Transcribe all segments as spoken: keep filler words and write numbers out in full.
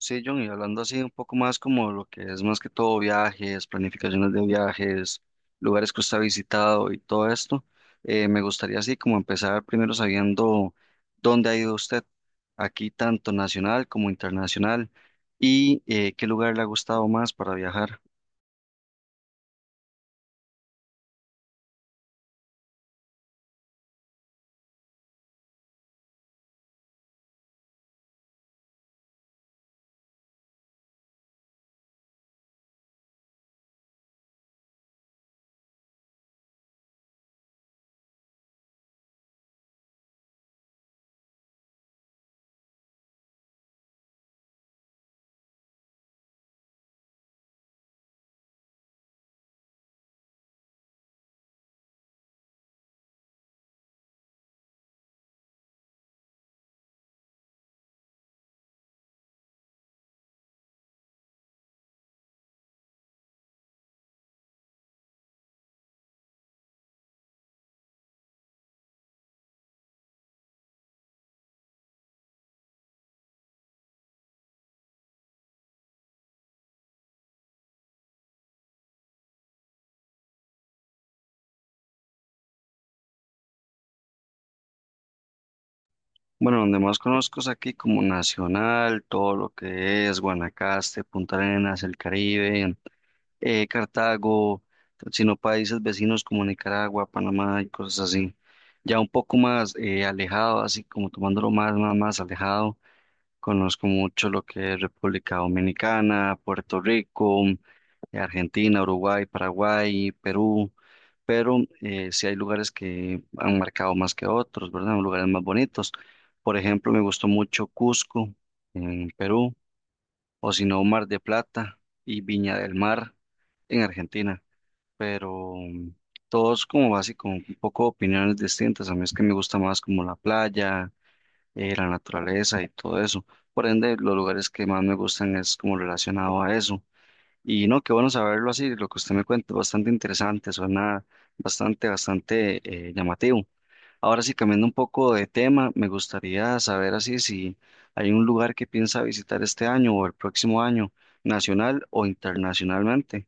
Sí, John, y hablando así un poco más como lo que es más que todo viajes, planificaciones de viajes, lugares que usted ha visitado y todo esto, eh, me gustaría así como empezar primero sabiendo dónde ha ido usted, aquí tanto nacional como internacional, y eh, qué lugar le ha gustado más para viajar. Bueno, donde más conozco es aquí como nacional, todo lo que es Guanacaste, Punta Arenas, el Caribe. eh, Cartago, sino países vecinos como Nicaragua, Panamá y cosas así. Ya un poco más eh, alejado, así como tomándolo más, más, más alejado, conozco mucho lo que es República Dominicana, Puerto Rico, eh, Argentina, Uruguay, Paraguay, Perú, pero eh, sí hay lugares que han marcado más que otros, ¿verdad? Lugares más bonitos. Por ejemplo, me gustó mucho Cusco, en Perú, o si no Mar de Plata y Viña del Mar en Argentina, pero mm, todos como básico, un poco opiniones distintas. A mí es que me gusta más como la playa, eh, la naturaleza y todo eso. Por ende, los lugares que más me gustan es como relacionado a eso. Y no, qué bueno saberlo así, lo que usted me cuenta, bastante interesante, suena bastante, bastante eh, llamativo. Ahora sí, cambiando un poco de tema, me gustaría saber así si hay un lugar que piensa visitar este año o el próximo año, nacional o internacionalmente.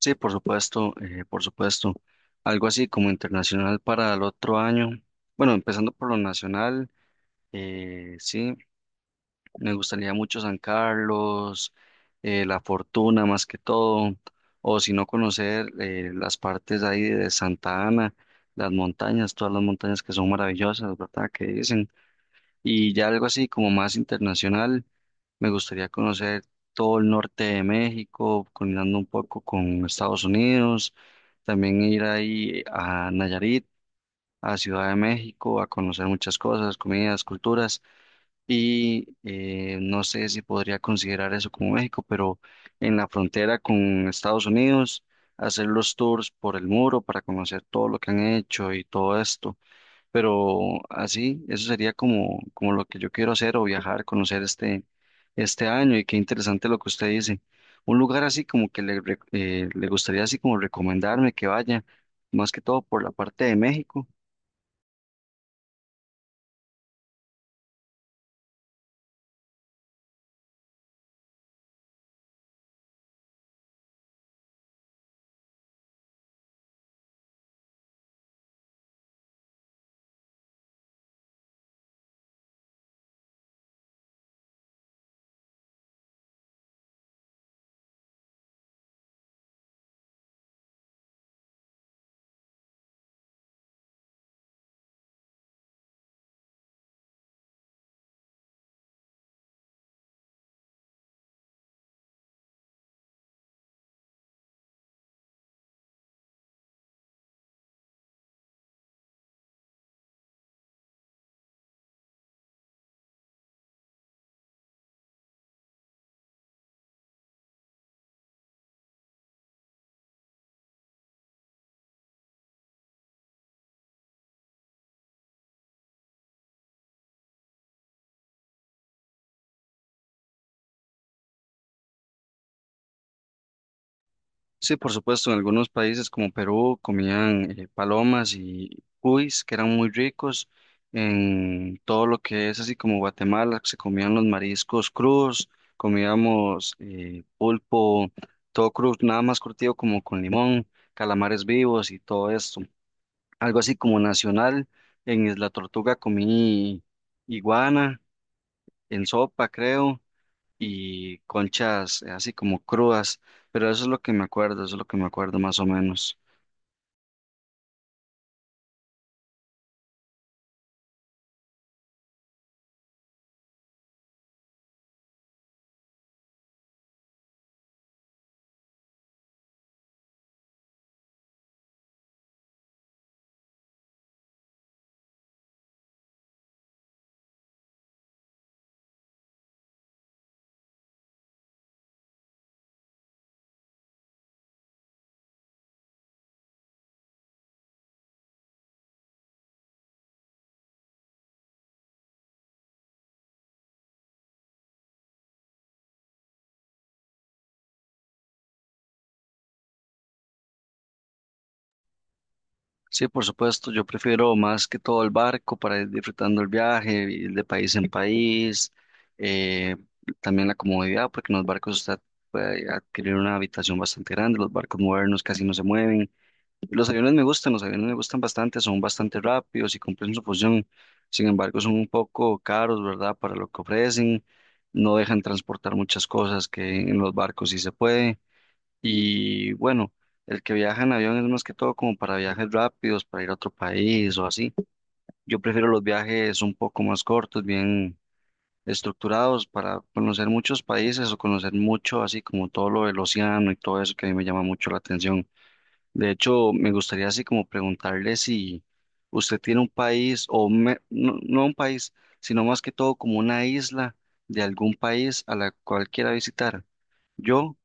Sí, por supuesto, eh, por supuesto. Algo así como internacional para el otro año. Bueno, empezando por lo nacional, eh, sí. Me gustaría mucho San Carlos, eh, La Fortuna más que todo, o si no conocer eh, las partes ahí de Santa Ana, las montañas, todas las montañas que son maravillosas, ¿verdad? Que dicen. Y ya algo así como más internacional, me gustaría conocer todo el norte de México, combinando un poco con Estados Unidos, también ir ahí a Nayarit, a Ciudad de México, a conocer muchas cosas, comidas, culturas y eh, no sé si podría considerar eso como México, pero en la frontera con Estados Unidos, hacer los tours por el muro para conocer todo lo que han hecho y todo esto. Pero así, eso sería como, como lo que yo quiero hacer o viajar, conocer este, este año. Y qué interesante lo que usted dice. Un lugar así como que le, re- eh, le gustaría así como recomendarme que vaya, más que todo por la parte de México. Sí, por supuesto, en algunos países como Perú comían eh, palomas y cuis, que eran muy ricos. En todo lo que es así como Guatemala, se comían los mariscos crudos, comíamos eh, pulpo, todo crudo, nada más curtido como con limón, calamares vivos y todo esto. Algo así como nacional, en Isla Tortuga comí iguana en sopa, creo, y conchas eh, así como crudas, pero eso es lo que me acuerdo, eso es lo que me acuerdo más o menos. Sí, por supuesto, yo prefiero más que todo el barco para ir disfrutando el viaje, ir de país en país, eh, también la comodidad, porque en los barcos usted puede adquirir una habitación bastante grande, los barcos modernos casi no se mueven. Los aviones me gustan, los aviones me gustan bastante, son bastante rápidos y cumplen su función. Sin embargo, son un poco caros, ¿verdad? Para lo que ofrecen, no dejan transportar muchas cosas que en los barcos sí se puede. Y bueno, el que viaja en avión es más que todo como para viajes rápidos, para ir a otro país o así. Yo prefiero los viajes un poco más cortos, bien estructurados, para conocer muchos países o conocer mucho, así como todo lo del océano y todo eso que a mí me llama mucho la atención. De hecho, me gustaría así como preguntarle si usted tiene un país o me- no, no un país, sino más que todo como una isla de algún país a la cual quiera visitar. Yo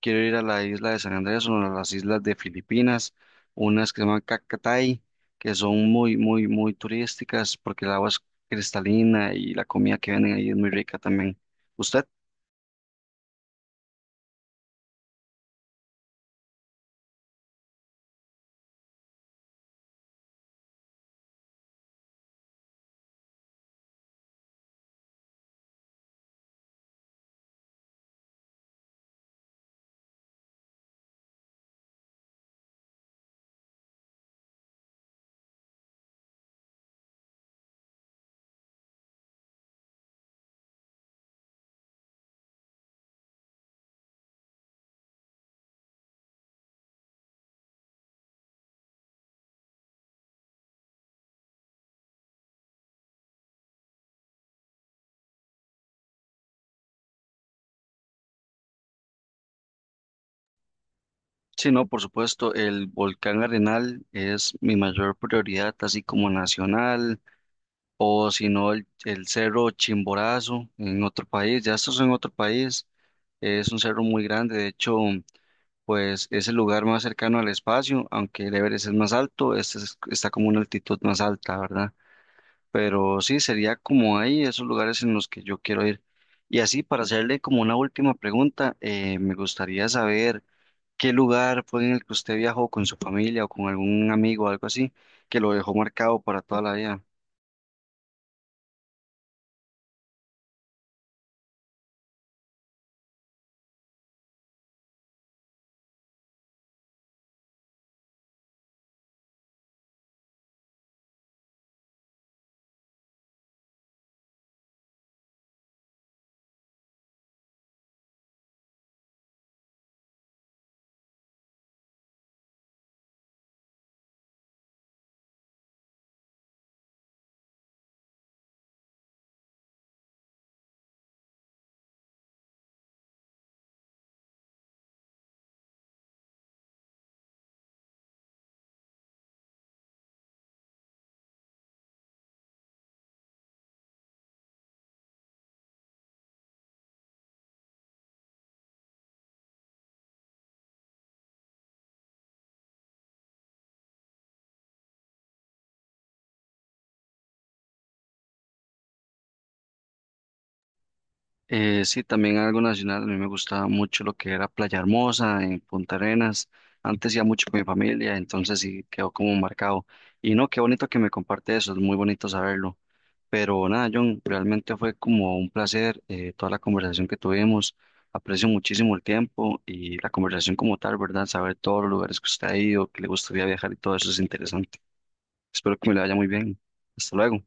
quiero ir a la isla de San Andrés, una de las islas de Filipinas, unas que se llaman Cacatay, que son muy, muy, muy turísticas porque el agua es cristalina y la comida que venden ahí es muy rica también. ¿Usted? Sí, no, por supuesto, el volcán Arenal es mi mayor prioridad, así como nacional, o si no el, el cerro Chimborazo en otro país, ya esto es en otro país, es un cerro muy grande, de hecho, pues es el lugar más cercano al espacio, aunque el Everest es más alto, este es- está como una altitud más alta, ¿verdad? Pero sí, sería como ahí, esos lugares en los que yo quiero ir. Y así, para hacerle como una última pregunta, eh, me gustaría saber qué lugar fue en el que usted viajó con su familia o con algún amigo algo así, que lo dejó marcado para toda la vida. Eh, sí, también algo nacional. A mí me gustaba mucho lo que era Playa Hermosa en Punta Arenas. Antes iba mucho con mi familia, entonces sí quedó como marcado. Y no, qué bonito que me comparte eso, es muy bonito saberlo. Pero nada, John, realmente fue como un placer, eh, toda la conversación que tuvimos. Aprecio muchísimo el tiempo y la conversación como tal, ¿verdad? Saber todos los lugares que usted ha ido, que le gustaría viajar y todo eso es interesante. Espero que me lo vaya muy bien. Hasta luego.